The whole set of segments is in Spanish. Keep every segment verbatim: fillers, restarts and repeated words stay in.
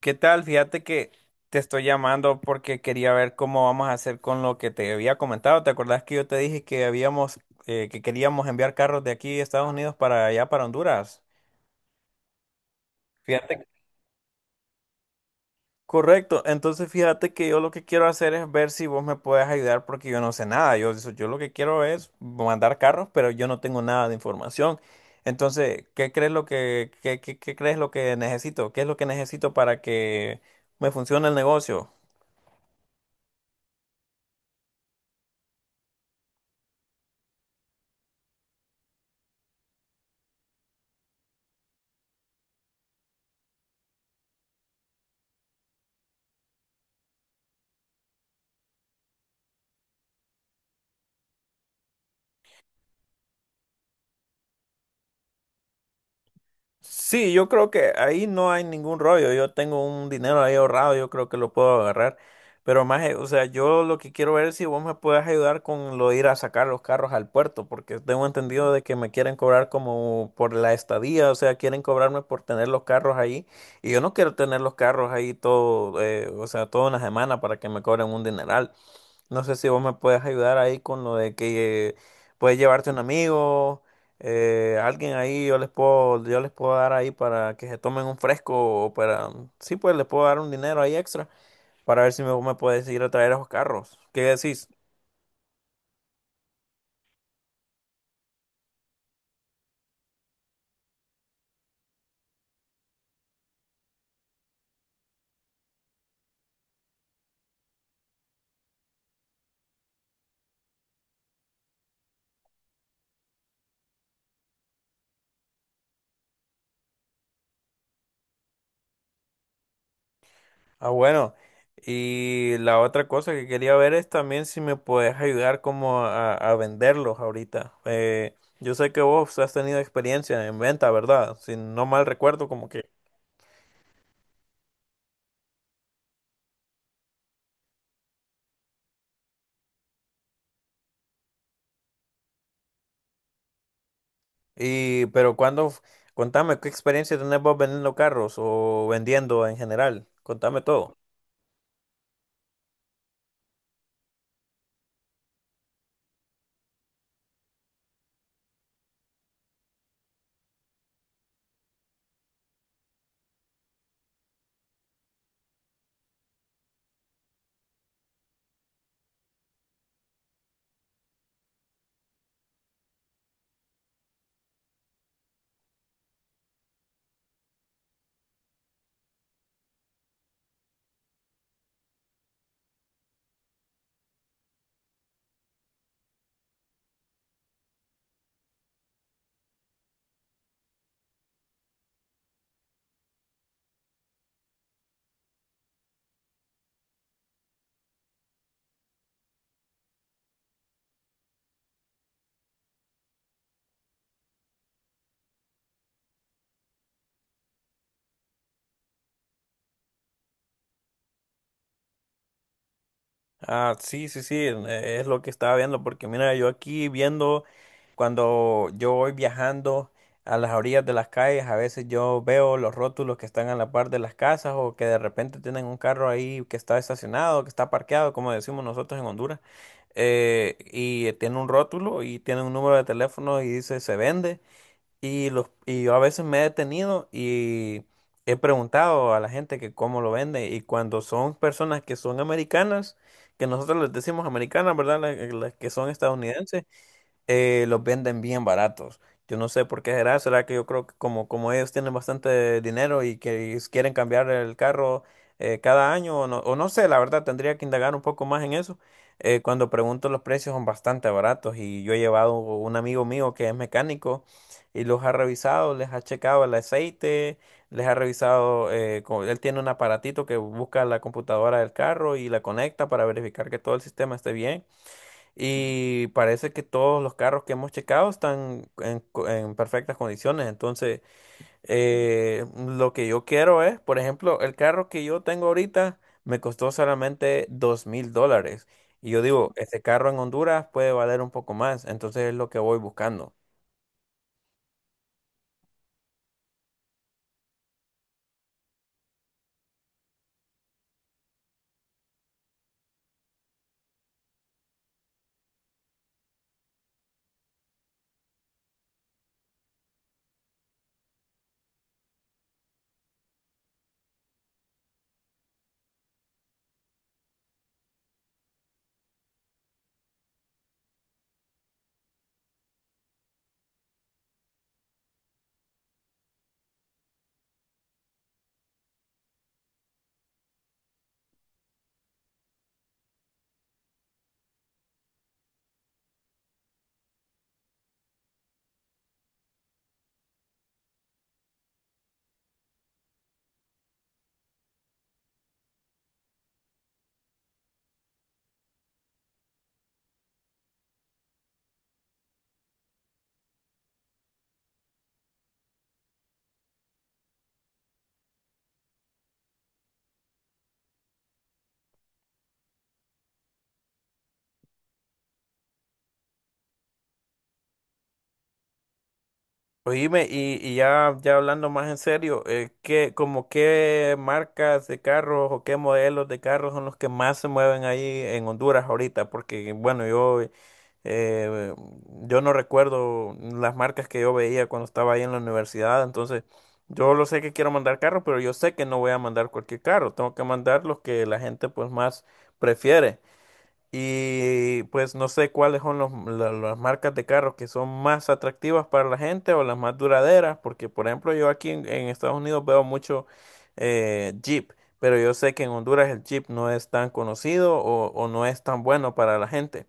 ¿Qué tal? Fíjate que te estoy llamando porque quería ver cómo vamos a hacer con lo que te había comentado. ¿Te acordás que yo te dije que habíamos, eh, que queríamos enviar carros de aquí de Estados Unidos para allá, para Honduras? Fíjate. Correcto. Entonces fíjate que yo lo que quiero hacer es ver si vos me puedes ayudar porque yo no sé nada. Yo, yo lo que quiero es mandar carros, pero yo no tengo nada de información. Entonces, ¿qué crees lo que, qué, qué qué crees lo que necesito? ¿Qué es lo que necesito para que me funcione el negocio? Sí, yo creo que ahí no hay ningún rollo. Yo tengo un dinero ahí ahorrado, yo creo que lo puedo agarrar. Pero más, eh, o sea, yo lo que quiero ver es si vos me puedes ayudar con lo de ir a sacar los carros al puerto, porque tengo entendido de que me quieren cobrar como por la estadía, o sea, quieren cobrarme por tener los carros ahí. Y yo no quiero tener los carros ahí todo, eh, o sea, toda una semana para que me cobren un dineral. No sé si vos me puedes ayudar ahí con lo de que eh, puedes llevarte un amigo eh, alguien ahí yo les puedo, yo les puedo dar ahí para que se tomen un fresco o para, sí, pues les puedo dar un dinero ahí extra para ver si me, me puedes ir a traer esos carros. ¿Qué decís? Ah, bueno. Y la otra cosa que quería ver es también si me puedes ayudar como a, a venderlos ahorita. Eh, yo sé que vos has tenido experiencia en venta, ¿verdad? Si no mal recuerdo, como que. Y, pero cuando, contame, ¿qué experiencia tenés vos vendiendo carros o vendiendo en general? Contame todo. Ah, sí, sí, sí, eh, es lo que estaba viendo, porque mira, yo aquí viendo, cuando yo voy viajando a las orillas de las calles, a veces yo veo los rótulos que están a la par de las casas o que de repente tienen un carro ahí que está estacionado, que está parqueado, como decimos nosotros en Honduras, eh, y tiene un rótulo y tiene un número de teléfono y dice se vende. Y, los, y yo a veces me he detenido y he preguntado a la gente que cómo lo vende. Y cuando son personas que son americanas, que nosotros les decimos americanas, ¿verdad? La- eh, Las, que son estadounidenses, eh, los venden bien baratos. Yo no sé por qué será, será que yo creo que como, como ellos tienen bastante dinero y que s- quieren cambiar el carro eh, cada año o no, o no sé, la verdad tendría que indagar un poco más en eso. Eh, cuando pregunto los precios son bastante baratos y yo he llevado un amigo mío que es mecánico y los ha revisado, les ha checado el aceite, les ha revisado, eh, co- él tiene un aparatito que busca la computadora del carro y la conecta para verificar que todo el sistema esté bien. Y parece que todos los carros que hemos checado están en, co- en perfectas condiciones. Entonces, eh, lo que yo quiero es, por ejemplo, el carro que yo tengo ahorita me costó solamente dos mil dólares. Y yo digo, este carro en Honduras puede valer un poco más. Entonces es lo que voy buscando. Oíme, y, y ya, ya hablando más en serio, eh, ¿qué, como qué marcas de carros o qué modelos de carros son los que más se mueven ahí en Honduras ahorita? Porque, bueno, yo, eh, yo no recuerdo las marcas que yo veía cuando estaba ahí en la universidad, entonces yo lo sé que quiero mandar carros, pero yo sé que no voy a mandar cualquier carro, tengo que mandar los que la gente pues más prefiere. Y pues no sé cuáles son los- la- las marcas de carros que son más atractivas para la gente o las más duraderas, porque por ejemplo yo aquí en, en Estados Unidos veo mucho eh, Jeep, pero yo sé que en Honduras el Jeep no es tan conocido o, o no es tan bueno para la gente.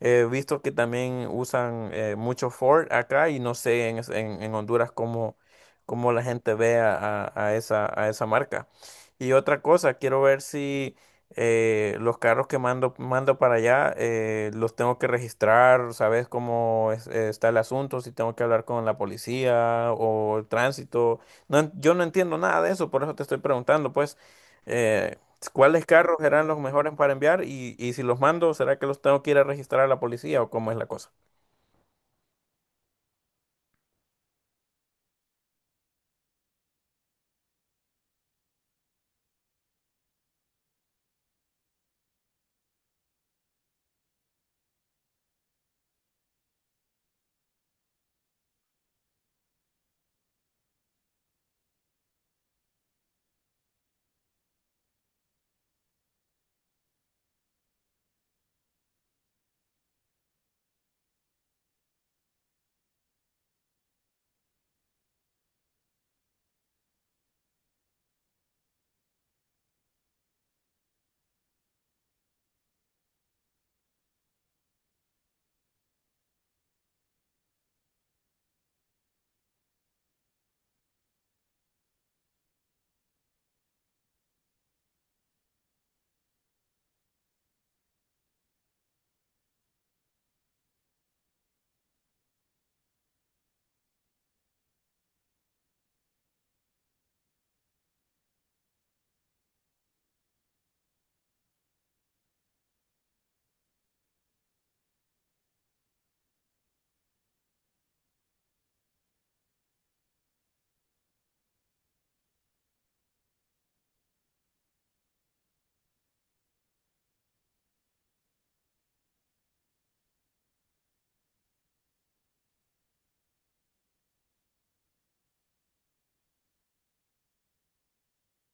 He visto que también usan eh, mucho Ford acá y no sé en, es- en- en Honduras cómo, cómo la gente ve a, a- a esa, a esa marca. Y otra cosa, quiero ver si eh, los carros que mando, mando para allá eh, los tengo que registrar, ¿sabes cómo es- eh, está el asunto? Si tengo que hablar con la policía o el tránsito. No en- yo no entiendo nada de eso, por eso te estoy preguntando, pues. eh, ¿Cuáles carros serán los mejores para enviar? Y, y si los mando, ¿será que los tengo que ir a registrar a la policía o cómo es la cosa?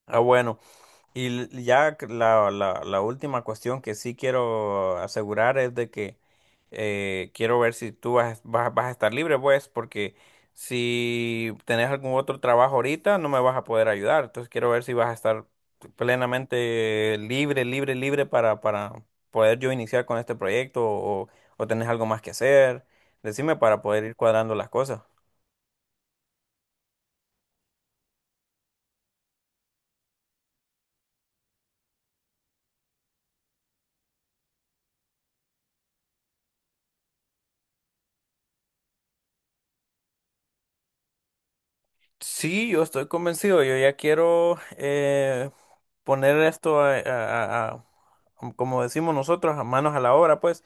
Ah, bueno. Y ya la, la- la última cuestión que sí quiero asegurar es de que eh, quiero ver si tú vas, vas- vas a estar libre, pues, porque si tenés algún otro trabajo ahorita, no me vas a poder ayudar. Entonces quiero ver si vas a estar plenamente libre, libre, libre para, para poder yo iniciar con este proyecto o, o tenés algo más que hacer. Decime para poder ir cuadrando las cosas. Sí, yo estoy convencido. Yo ya quiero eh, poner esto a, a- a- a- como decimos nosotros, a manos a la obra, pues.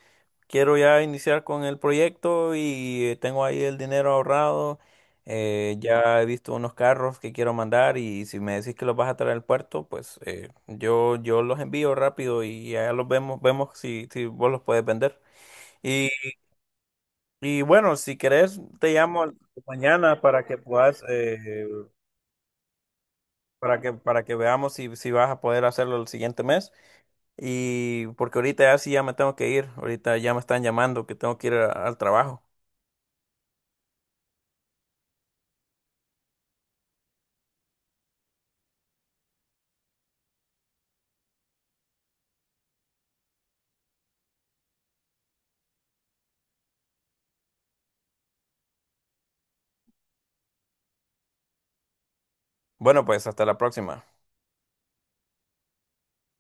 Quiero ya iniciar con el proyecto y eh, tengo ahí el dinero ahorrado. Eh, ya he visto unos carros que quiero mandar y si me decís que los vas a traer al puerto, pues eh, yo, yo los envío rápido y ya los vemos, vemos si, si vos los puedes vender. Y, y bueno, si querés, te llamo mañana para que puedas... eh, para que, para que veamos si, si vas a poder hacerlo el siguiente mes. Y porque ahorita ya sí ya me tengo que ir, ahorita ya me están llamando que tengo que ir a- al trabajo. Bueno, pues hasta la próxima.